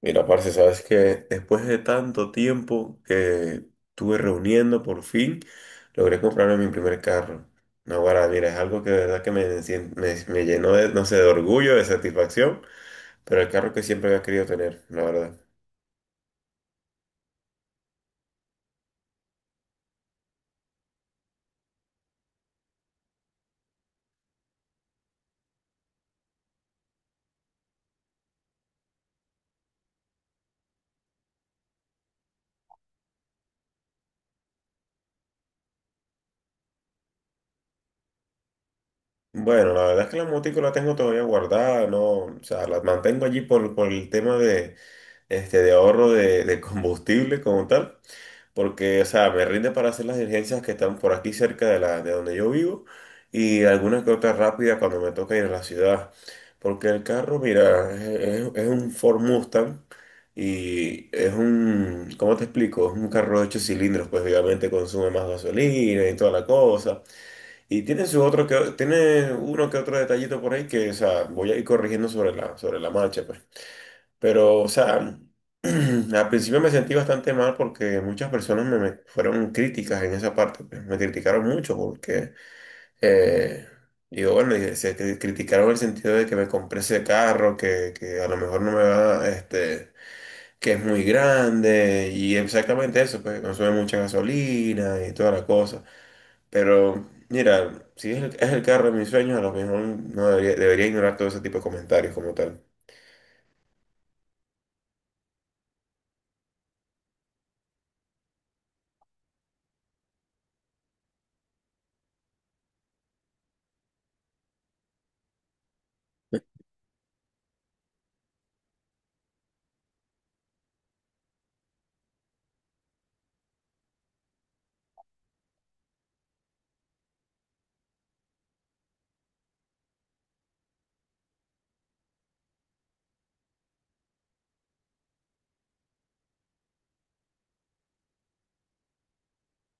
Mira, parce, sabes que después de tanto tiempo que estuve reuniendo, por fin logré comprarme mi primer carro. No, ahora, mira, es algo que de verdad que me llenó de, no sé, de orgullo, de satisfacción, pero el carro que siempre había querido tener, la verdad. Bueno, la verdad es que la motico la tengo todavía guardada, no, o sea, la mantengo allí por el tema este, de ahorro de combustible como tal. Porque, o sea, me rinde para hacer las diligencias que están por aquí cerca de la, de donde yo vivo y alguna que otra rápida cuando me toca ir a la ciudad. Porque el carro, mira, un Ford Mustang y es un, ¿cómo te explico? Es un carro de ocho cilindros, pues obviamente consume más gasolina y toda la cosa. Y tiene su otro que, tiene uno que otro detallito por ahí que, o sea, voy a ir corrigiendo sobre la marcha, pues. Pero, o sea, al principio me sentí bastante mal porque muchas personas me fueron críticas en esa parte, pues. Me criticaron mucho porque, eh, digo, bueno, y se criticaron en el sentido de que me compré ese carro, que a lo mejor no me va, que es muy grande y exactamente eso, pues consume mucha gasolina y toda la cosa. Pero, mira, si es el carro de mis sueños, a lo mejor no debería ignorar todo ese tipo de comentarios como tal.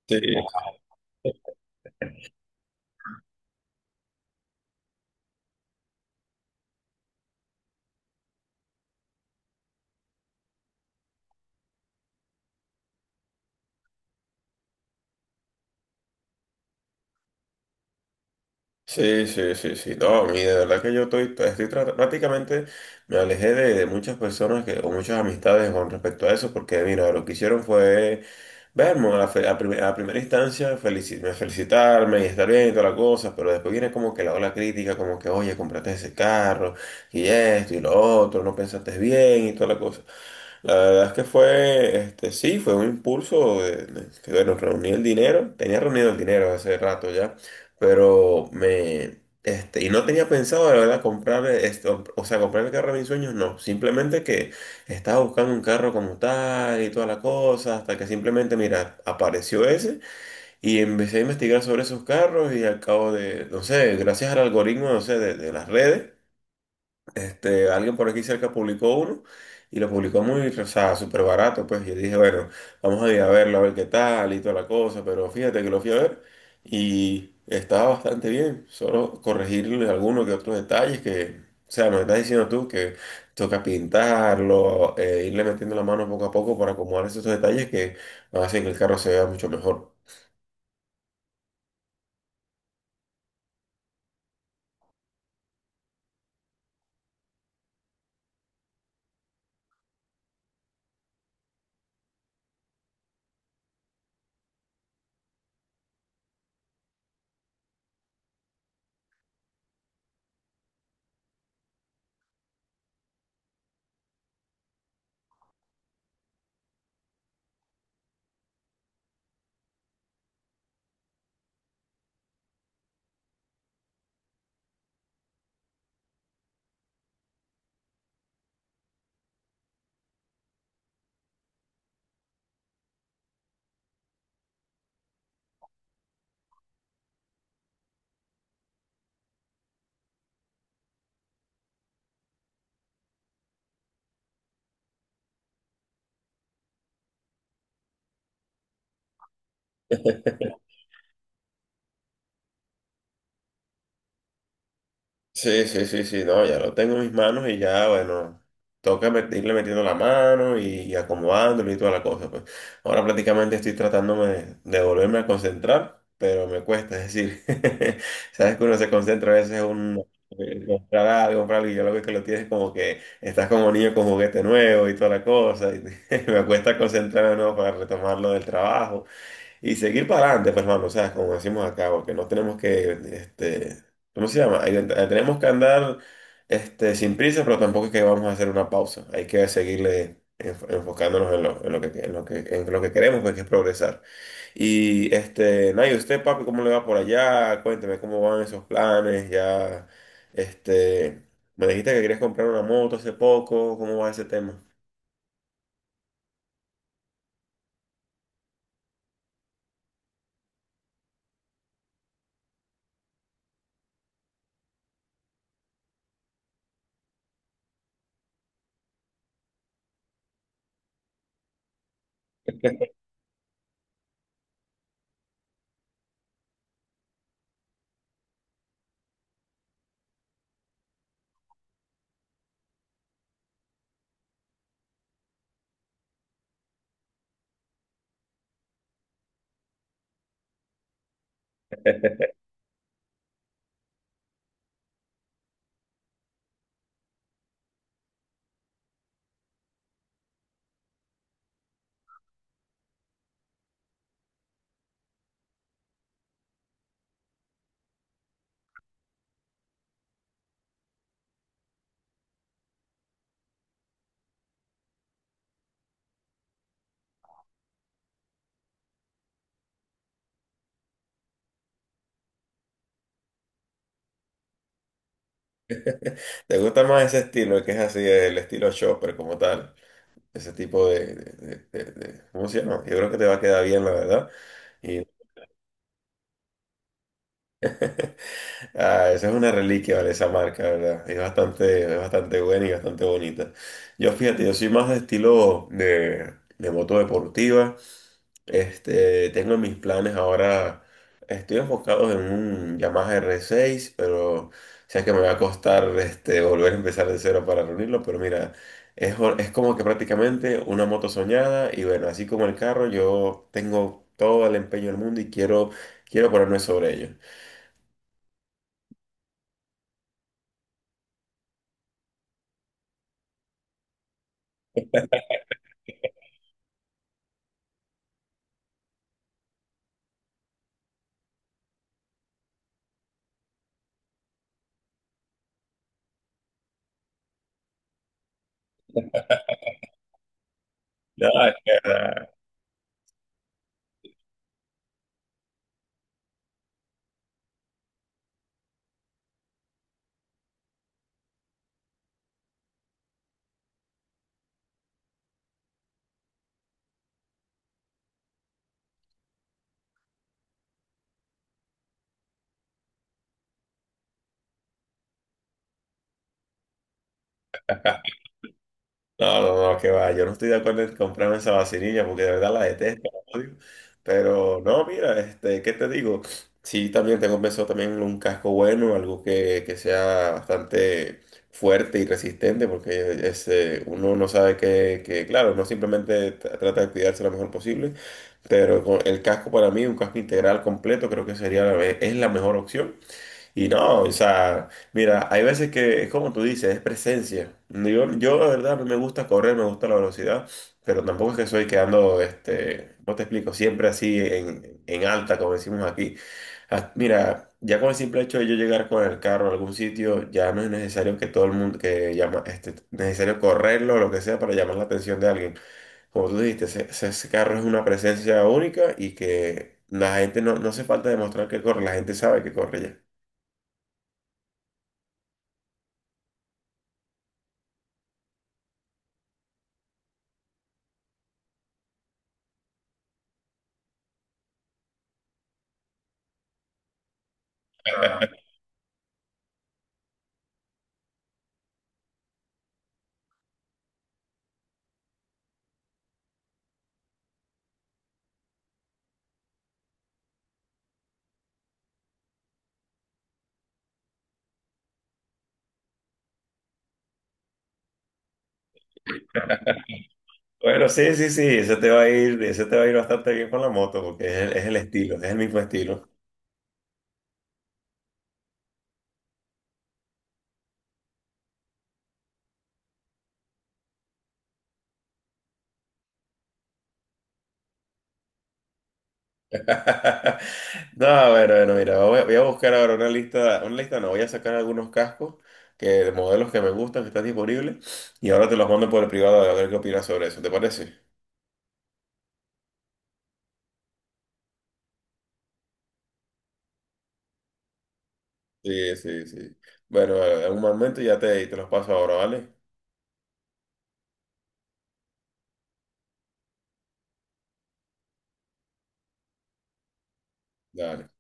Sí. Sí, sí, sí, sí. No, a de verdad que yo estoy, pues, estoy prácticamente me alejé de muchas personas que, o muchas amistades con respecto a eso, porque mira, lo que hicieron fue verme a, la fe- a prim- a primera instancia felici- me felicitarme y estar bien y toda la cosa, pero después viene como que la ola crítica, como que, oye, compraste ese carro y esto y lo otro, no pensaste bien y toda la cosa. La verdad es que fue, este, sí, fue un impulso, que bueno, reuní el dinero, tenía reunido el dinero hace rato ya, pero y no tenía pensado, la verdad, comprar, esto, o sea, comprar el carro de mis sueños, no, simplemente que... Estaba buscando un carro como tal y toda la cosa, hasta que simplemente, mira, apareció ese y empecé a investigar sobre esos carros y al cabo de, no sé, gracias al algoritmo, no sé, de las redes, este, alguien por aquí cerca publicó uno y lo publicó muy, o sea, súper barato, pues. Yo dije, bueno, vamos a ir a verlo, a ver qué tal y toda la cosa, pero fíjate que lo fui a ver y estaba bastante bien. Solo corregirle algunos que otros detalles que, o sea, me estás diciendo tú que toca pintarlo, irle metiendo la mano poco a poco para acomodar esos detalles que hacen que el carro se vea mucho mejor. Sí, sí, sí, sí, no, ya lo tengo en mis manos y ya, bueno, toca irle metiendo la mano y acomodándolo y toda la cosa, pues. Ahora prácticamente estoy tratándome de volverme a concentrar, pero me cuesta, es decir, sabes que uno se concentra a veces un comprar algo y ya lo ves que lo tienes como que estás como niño con juguete nuevo y toda la cosa, y me cuesta concentrarme de nuevo para retomarlo del trabajo. Y seguir para adelante, pues, hermano, o sea, como decimos acá, porque no tenemos que, este, ¿cómo se llama? Tenemos que andar, este, sin prisa, pero tampoco es que vamos a hacer una pausa. Hay que seguirle enfocándonos en lo, en lo que queremos, pues, que es progresar. Y, este, nada, ¿y usted, papi, cómo le va por allá? Cuénteme cómo van esos planes, ya, este, me dijiste que querías comprar una moto hace poco, ¿cómo va ese tema? ¿Te gusta más ese estilo, que es así, el estilo shopper como tal? Ese tipo de, ¿cómo se llama? Yo creo que te va a quedar bien, la verdad. Y ah, esa es una reliquia, ¿vale? Esa marca, ¿verdad? Es bastante buena y bastante bonita. Yo, fíjate, yo soy más de estilo de moto deportiva. Este, tengo mis planes ahora, estoy enfocado en un Yamaha R6, pero sé que me va a costar este, volver a empezar de cero para reunirlo, pero mira, es, es como que prácticamente una moto soñada y bueno, así como el carro, yo tengo todo el empeño del mundo y quiero, quiero ponerme sobre ello. Nada, no, no, no, que va. Yo no estoy de acuerdo en comprarme esa vacinilla porque de verdad la detesto, la odio. Pero no, mira, este, ¿qué te digo? Sí, también tengo pensado también en un casco bueno, algo que sea bastante fuerte y resistente, porque ese, uno no sabe claro, uno simplemente trata de cuidarse lo mejor posible, pero con el casco para mí, un casco integral completo, creo que sería es la mejor opción. Y no, o sea, mira, hay veces que es como tú dices, es presencia. Yo la verdad no me gusta correr, me gusta la velocidad, pero tampoco es que soy quedando, este, no te explico, siempre así en alta, como decimos aquí. Ah, mira, ya con el simple hecho de yo llegar con el carro a algún sitio, ya no es necesario que todo el mundo, que llama, este, necesario correrlo o lo que sea para llamar la atención de alguien. Como tú dijiste, ese carro es una presencia única y que la gente no, no hace falta demostrar que corre, la gente sabe que corre ya. Bueno, sí, sí, sí, ese te va a ir, ese te va a ir bastante bien con la moto, porque es el estilo, es el mismo estilo. No, bueno, bueno, mira, voy a buscar ahora una lista no, voy a sacar algunos cascos que, de modelos que me gustan, que están disponibles, y ahora te los mando por el privado a ver qué opinas sobre eso, ¿te parece? Sí, sí, sí. Bueno, en un momento ya te los paso ahora, ¿vale? Dale.